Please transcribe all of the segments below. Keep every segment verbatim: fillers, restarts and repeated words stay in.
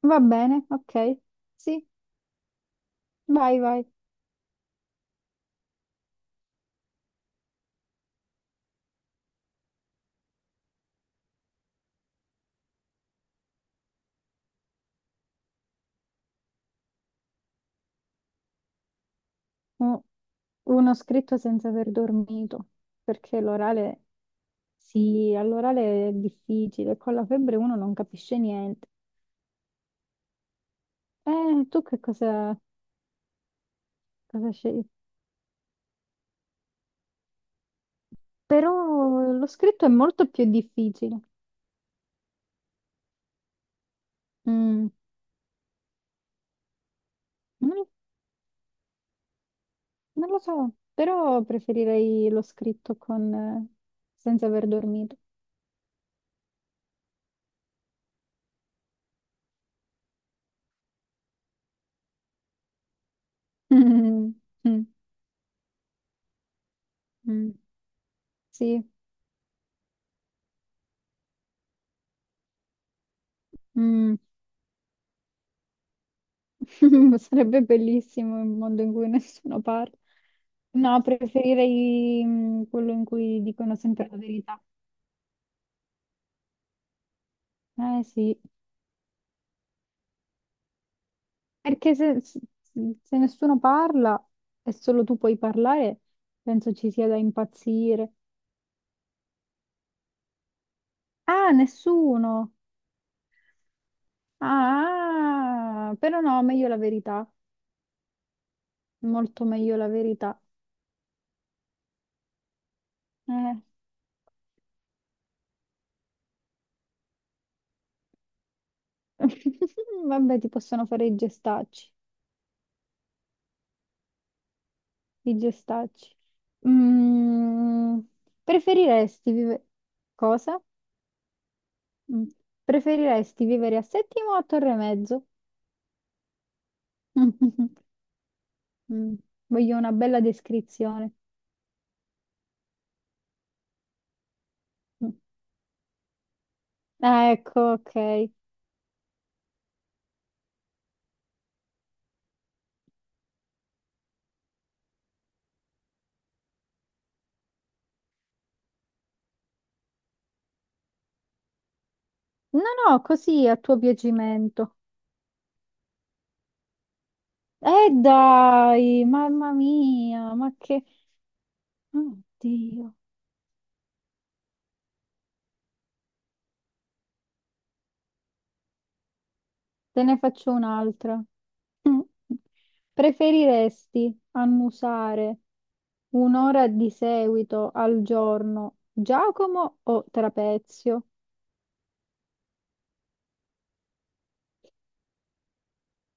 Va bene, ok. Sì, vai, vai. U- Uno scritto senza aver dormito, perché l'orale, sì, all'orale è difficile, con la febbre uno non capisce niente. Eh, tu che cosa, cosa scegli? Però lo scritto è molto più difficile. Mm, non, non lo so, però preferirei lo scritto con, eh, senza aver dormito. Mm, mm, Sì. Mm. Sarebbe bellissimo un mondo in cui nessuno parla. No, preferirei mm, quello in cui dicono sempre la verità. Eh sì, perché se, se se nessuno parla e solo tu puoi parlare, penso ci sia da impazzire. Ah, nessuno! Ah, però no, meglio la verità. Molto meglio la verità. Eh. Vabbè, ti possono fare i gestacci. Di gestacci. Mm, preferiresti vivere... Cosa? Mm. Preferiresti vivere a Settimo o a Torre Mezzo? Mm, voglio una bella descrizione. Mm. Ah, ecco, ok. No, no, così a tuo piacimento. Eh dai, mamma mia, ma che... Oddio. Te ne faccio un'altra. Mm. Preferiresti annusare un'ora di seguito al giorno Giacomo o Trapezio?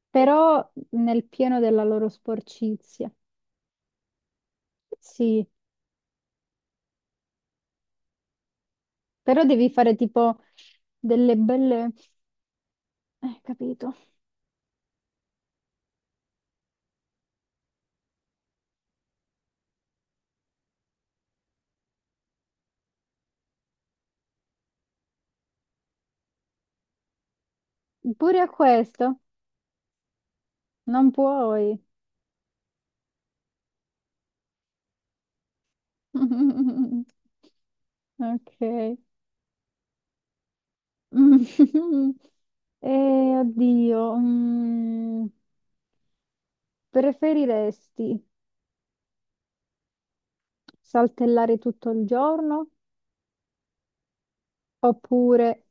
Però nel pieno della loro sporcizia. Sì, però devi fare tipo delle belle... Eh, capito. Pure a questo non puoi. Ok. Eh, oddio. Mm. Preferiresti saltellare tutto il giorno oppure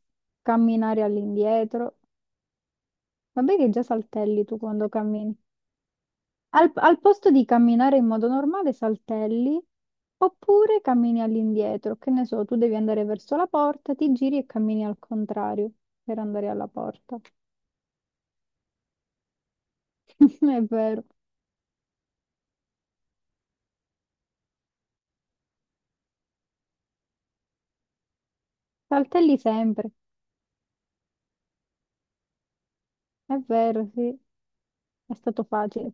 camminare all'indietro? Vabbè che già saltelli tu quando cammini. Al, al posto di camminare in modo normale, saltelli oppure cammini all'indietro. Che ne so, tu devi andare verso la porta, ti giri e cammini al contrario per andare alla porta. È vero. Saltelli sempre. È vero, sì. È stato facile.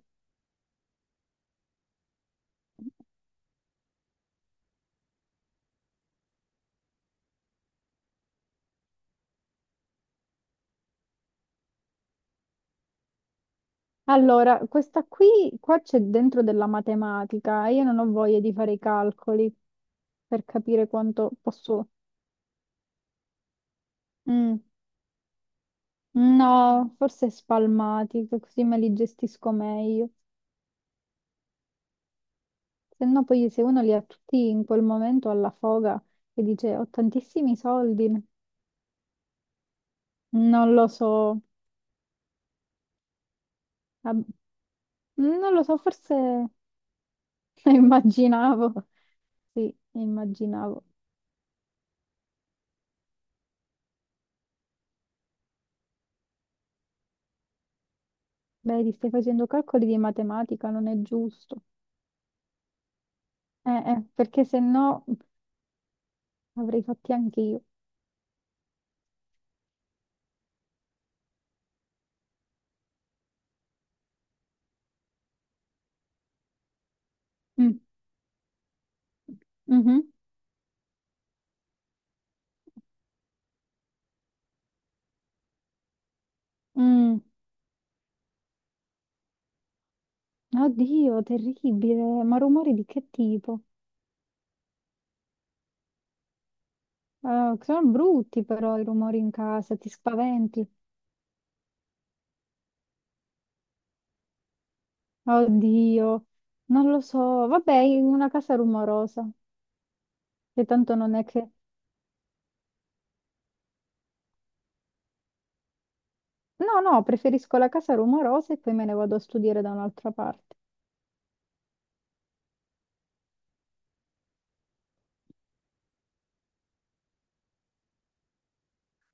Allora, questa qui, qua c'è dentro della matematica, io non ho voglia di fare i calcoli per capire quanto posso... Mm, no, forse spalmati, che così me li gestisco meglio. Se no poi se uno li ha tutti in quel momento alla foga e dice ho tantissimi soldi, non lo so, Ab- non lo so, forse immaginavo, sì, immaginavo. Vedi, stai facendo calcoli di matematica, non è giusto. Eh, eh, perché se no avrei fatti anche io. Mm, mhm, mm. Oddio, terribile, ma rumori di che tipo? Eh, sono brutti però i rumori in casa, ti spaventi. Oddio, non lo so. Vabbè, in una casa rumorosa, che tanto non è che... No, no, preferisco la casa rumorosa e poi me ne vado a studiare da un'altra parte.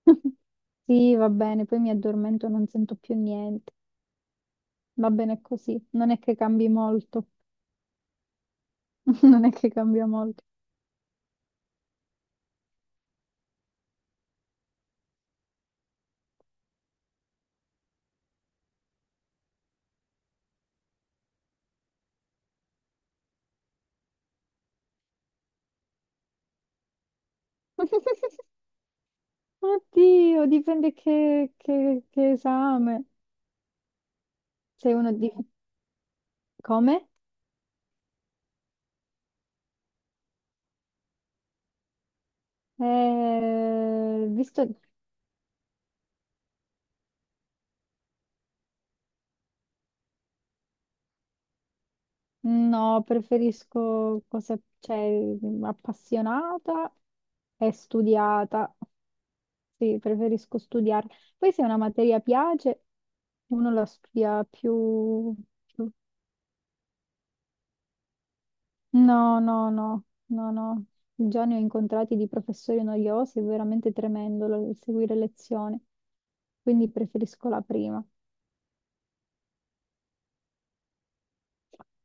Sì, va bene, poi mi addormento e non sento più niente. Va bene così, non è che cambi molto. Non è che cambia molto. Oddio, dipende che, che- che esame. Sei uno di... Come? Eh, visto... No, preferisco cose, cioè, appassionata e studiata. Sì, preferisco studiare. Poi se una materia piace, uno la studia più, più no, no, no, no, no. Già ne ho incontrati di professori noiosi, è veramente tremendo lo- seguire lezioni, quindi preferisco la prima.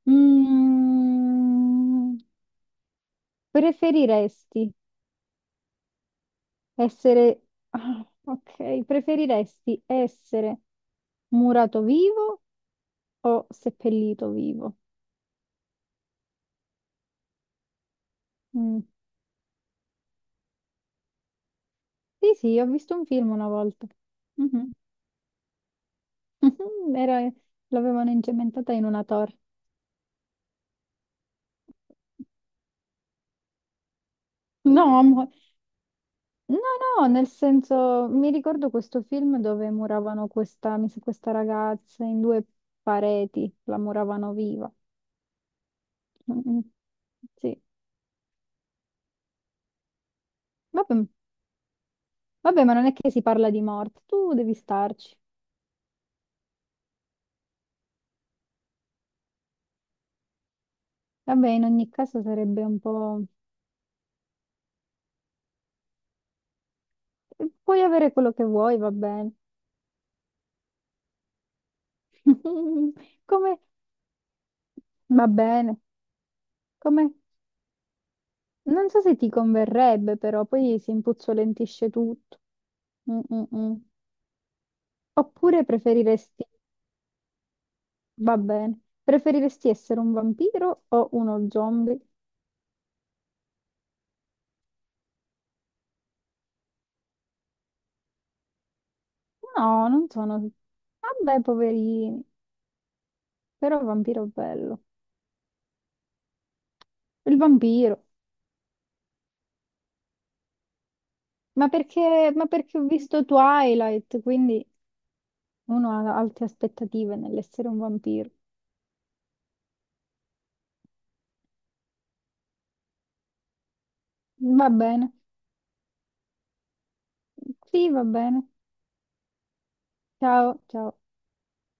Mm, preferiresti essere... Ah, ok, preferiresti essere murato vivo o seppellito vivo? Mm. Sì, sì, ho visto un film una volta. Mhm. Era- L'avevano incementata in una torre. No, amore. No, no, nel senso, mi ricordo questo film dove muravano questa, mi sa, questa ragazza in due pareti, la muravano viva. Mm, sì, vabbè, vabbè, ma non è che si parla di morte, tu devi starci. Vabbè, in ogni caso sarebbe un po'... Eh, puoi avere quello che vuoi, va bene. Come... Va bene. Come... Non so se ti converrebbe, però poi si impuzzolentisce tutto. Mm, mm, mm. Oppure preferiresti... Va bene. Preferiresti essere un vampiro o uno zombie? No, non sono... Vabbè, poverini, però il vampiro è bello. Il vampiro. Ma perché, ma perché ho visto Twilight, quindi uno ha alte aspettative nell'essere un vampiro. Va bene. Sì, va bene. Ciao, ciao.